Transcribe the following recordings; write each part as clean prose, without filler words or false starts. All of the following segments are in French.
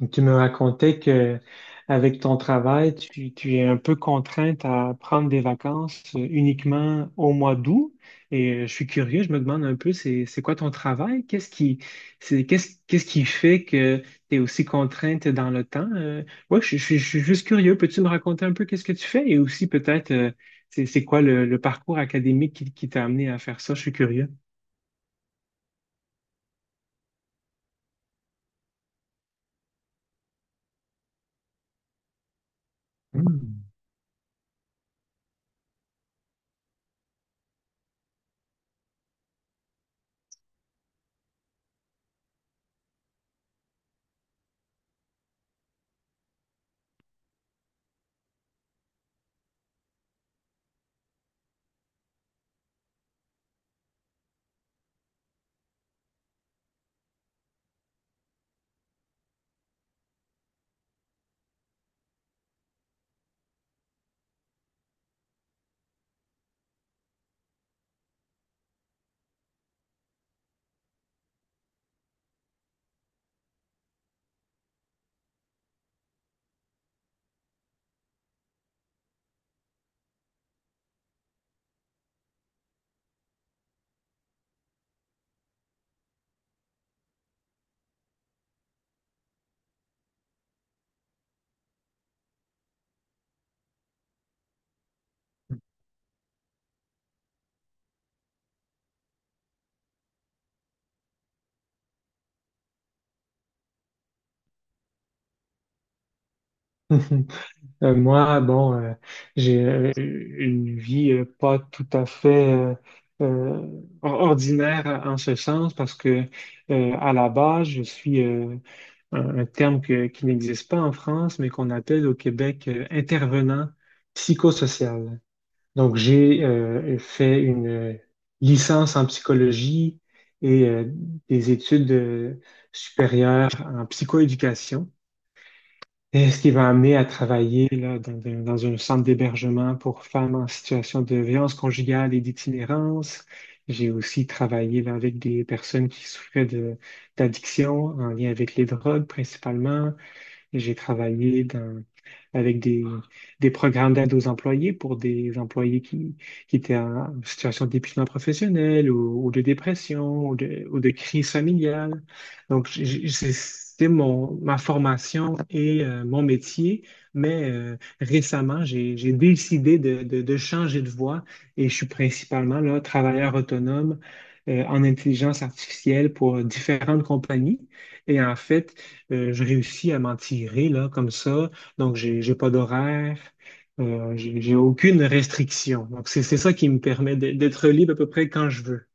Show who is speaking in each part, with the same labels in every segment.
Speaker 1: Donc, tu me racontais que avec ton travail, tu es un peu contrainte à prendre des vacances uniquement au mois d'août. Et je suis curieux, je me demande un peu, c'est quoi ton travail? Qu'est-ce qui fait que tu es aussi contrainte dans le temps? Je suis juste curieux. Peux-tu me raconter un peu qu'est-ce que tu fais? Et aussi peut-être, c'est quoi le parcours académique qui t'a amené à faire ça? Je suis curieux. Hmm. Moi, bon, j'ai une vie pas tout à fait ordinaire en ce sens parce que à la base, je suis un terme qui n'existe pas en France, mais qu'on appelle au Québec intervenant psychosocial. Donc, j'ai fait une licence en psychologie et des études supérieures en psychoéducation. Et ce qui va amener à travailler là, dans un centre d'hébergement pour femmes en situation de violence conjugale et d'itinérance. J'ai aussi travaillé là, avec des personnes qui souffraient de d'addiction en lien avec les drogues principalement. Et avec des programmes d'aide aux employés pour des employés qui étaient en situation d'épuisement professionnel ou de dépression ou de crise familiale. Donc, c'est ma formation et mon métier, mais récemment, j'ai décidé de changer de voie et je suis principalement là, travailleur autonome en intelligence artificielle pour différentes compagnies. Et en fait, je réussis à m'en tirer là, comme ça. Donc, j'ai pas d'horaire. J'ai aucune restriction. Donc, c'est ça qui me permet d'être libre à peu près quand je veux.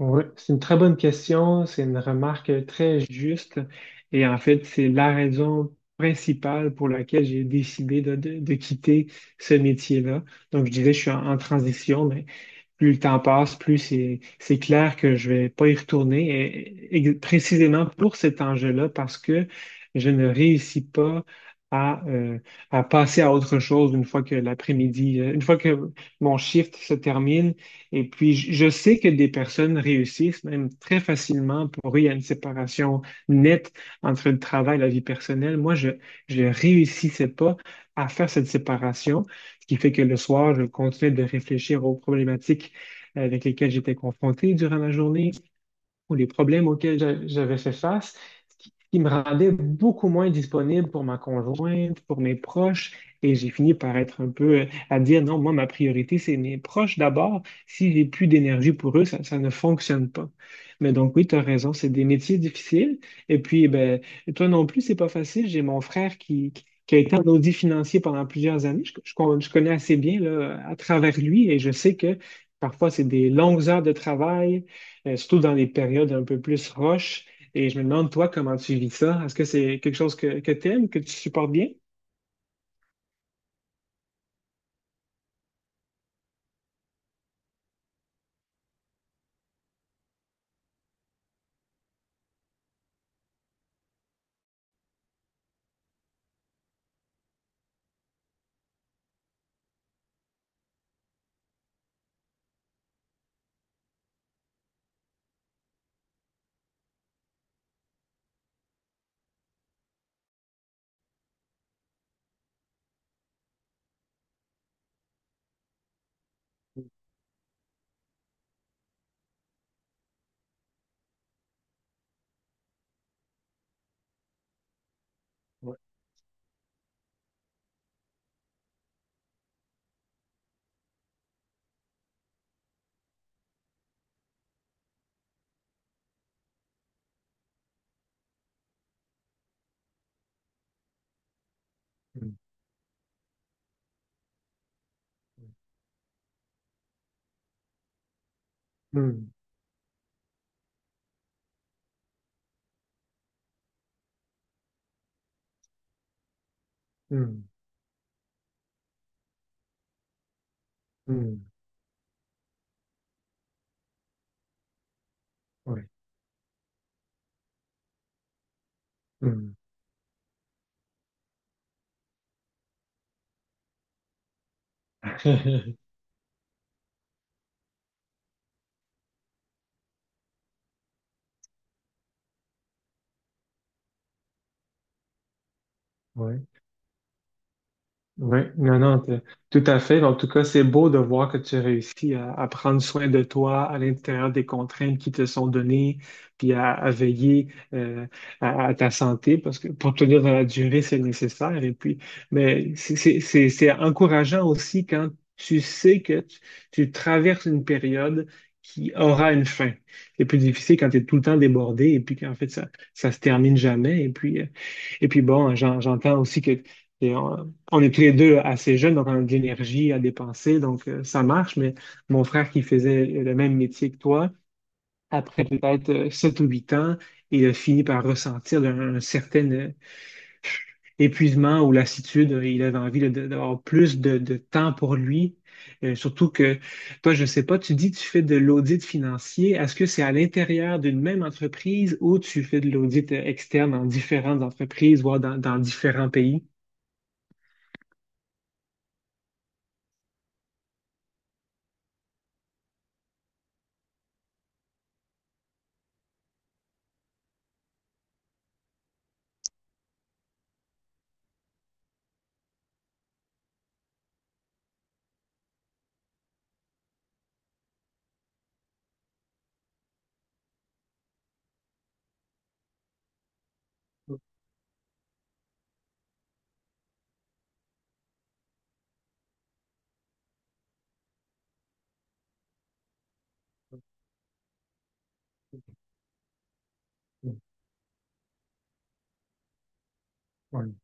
Speaker 1: Oui, c'est une très bonne question, c'est une remarque très juste et en fait, c'est la raison principale pour laquelle j'ai décidé de quitter ce métier-là. Donc, je dirais que je suis en transition, plus le temps passe, plus c'est clair que je vais pas y retourner, précisément pour cet enjeu-là, parce que je ne réussis pas à, à passer à autre chose une fois que une fois que mon shift se termine. Et puis, je sais que des personnes réussissent même très facilement. Pour eux, il y a une séparation nette entre le travail et la vie personnelle. Moi, je ne réussissais pas à faire cette séparation ce qui fait que le soir, je continuais de réfléchir aux problématiques avec lesquels j'étais confronté durant la journée ou les problèmes auxquels j'avais fait face, ce qui me rendait beaucoup moins disponible pour ma conjointe, pour mes proches, et j'ai fini par être un peu à dire non, moi, ma priorité, c'est mes proches d'abord. Si j'ai plus d'énergie pour eux, ça ne fonctionne pas. Mais donc, oui, tu as raison, c'est des métiers difficiles. Et puis, eh ben, toi non plus, c'est pas facile. J'ai mon frère qui a été en audit financier pendant plusieurs années. Je connais assez bien là, à travers lui et je sais que parfois, c'est des longues heures de travail surtout dans les périodes un peu plus roches. Et je me demande, toi, comment tu vis ça? Est-ce que c'est quelque chose que tu aimes, que tu supportes bien? Ouais. Mm. Mm. Mm. Mm. Ouais. Mm. Ouais. Ouais. Oui, non, non, tout à fait. En tout cas, c'est beau de voir que tu réussis à prendre soin de toi à l'intérieur des contraintes qui te sont données, puis à veiller à ta santé, parce que pour tenir dans la durée, c'est nécessaire. Et puis, mais c'est encourageant aussi quand tu sais que tu traverses une période qui aura une fin. C'est plus difficile quand tu es tout le temps débordé et puis qu'en fait, ça se termine jamais. Et puis bon, j'entends aussi que et on est tous les deux assez jeunes, donc on a de l'énergie à dépenser, donc ça marche. Mais mon frère qui faisait le même métier que toi, après peut-être sept ou huit ans, il a fini par ressentir certain épuisement ou lassitude, il avait envie là, d'avoir plus de temps pour lui. Surtout que, toi, je ne sais pas, tu dis que tu fais de l'audit financier. Est-ce que c'est à l'intérieur d'une même entreprise ou tu fais de l'audit externe dans différentes entreprises, voire dans différents pays? Ouais.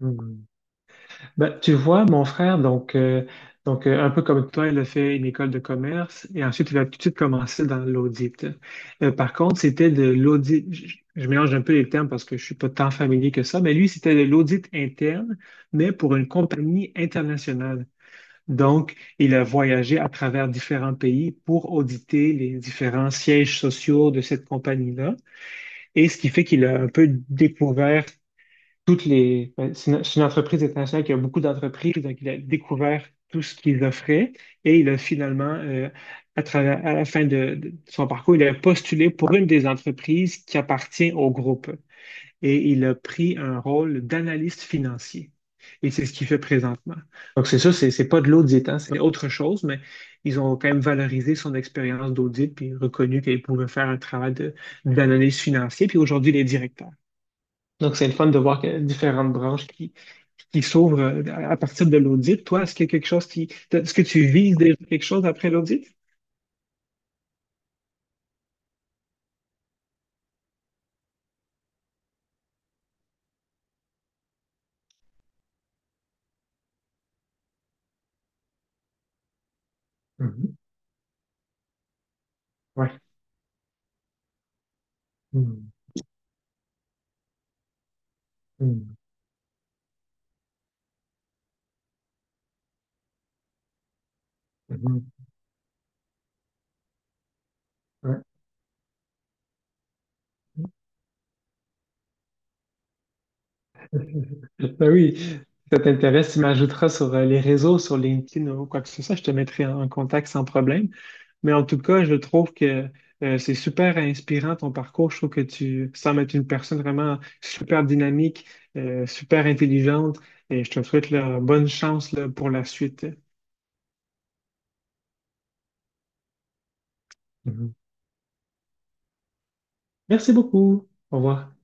Speaker 1: Hmm. Ben, tu vois, mon frère, donc, un peu comme toi, il a fait une école de commerce et ensuite il a tout de suite commencé dans l'audit. Par contre, c'était de l'audit, je mélange un peu les termes parce que je suis pas tant familier que ça, mais lui, c'était de l'audit interne, mais pour une compagnie internationale. Donc, il a voyagé à travers différents pays pour auditer les différents sièges sociaux de cette compagnie-là. Et ce qui fait qu'il a un peu découvert toutes les, ben, c'est une entreprise internationale qui a beaucoup d'entreprises, donc il a découvert tout ce qu'ils offraient et il a finalement, à travers, à la fin de son parcours, il a postulé pour une des entreprises qui appartient au groupe et il a pris un rôle d'analyste financier. Et c'est ce qu'il fait présentement. Donc, c'est ça, c'est pas de l'audit, hein, c'est autre chose, mais ils ont quand même valorisé son expérience d'audit puis reconnu qu'il pouvait faire un travail d'analyse financière. Puis aujourd'hui, il est directeur. Donc, c'est le fun de voir que différentes branches qui s'ouvrent à partir de l'audit. Toi, est-ce qu'il y a quelque chose qui... Est-ce que tu vises déjà quelque chose après l'audit? Mhm. Ouais. Mhm. Mhm. Mhm. Ouais. Ben oui, si ça t'intéresse, tu m'ajouteras sur les réseaux, sur LinkedIn ou quoi que ce soit, je te mettrai en contact sans problème. Mais en tout cas, je trouve que c'est super inspirant ton parcours. Je trouve que tu sembles être une personne vraiment super dynamique, super intelligente et je te souhaite la bonne chance là, pour la suite. Mhm. Merci beaucoup. Au revoir.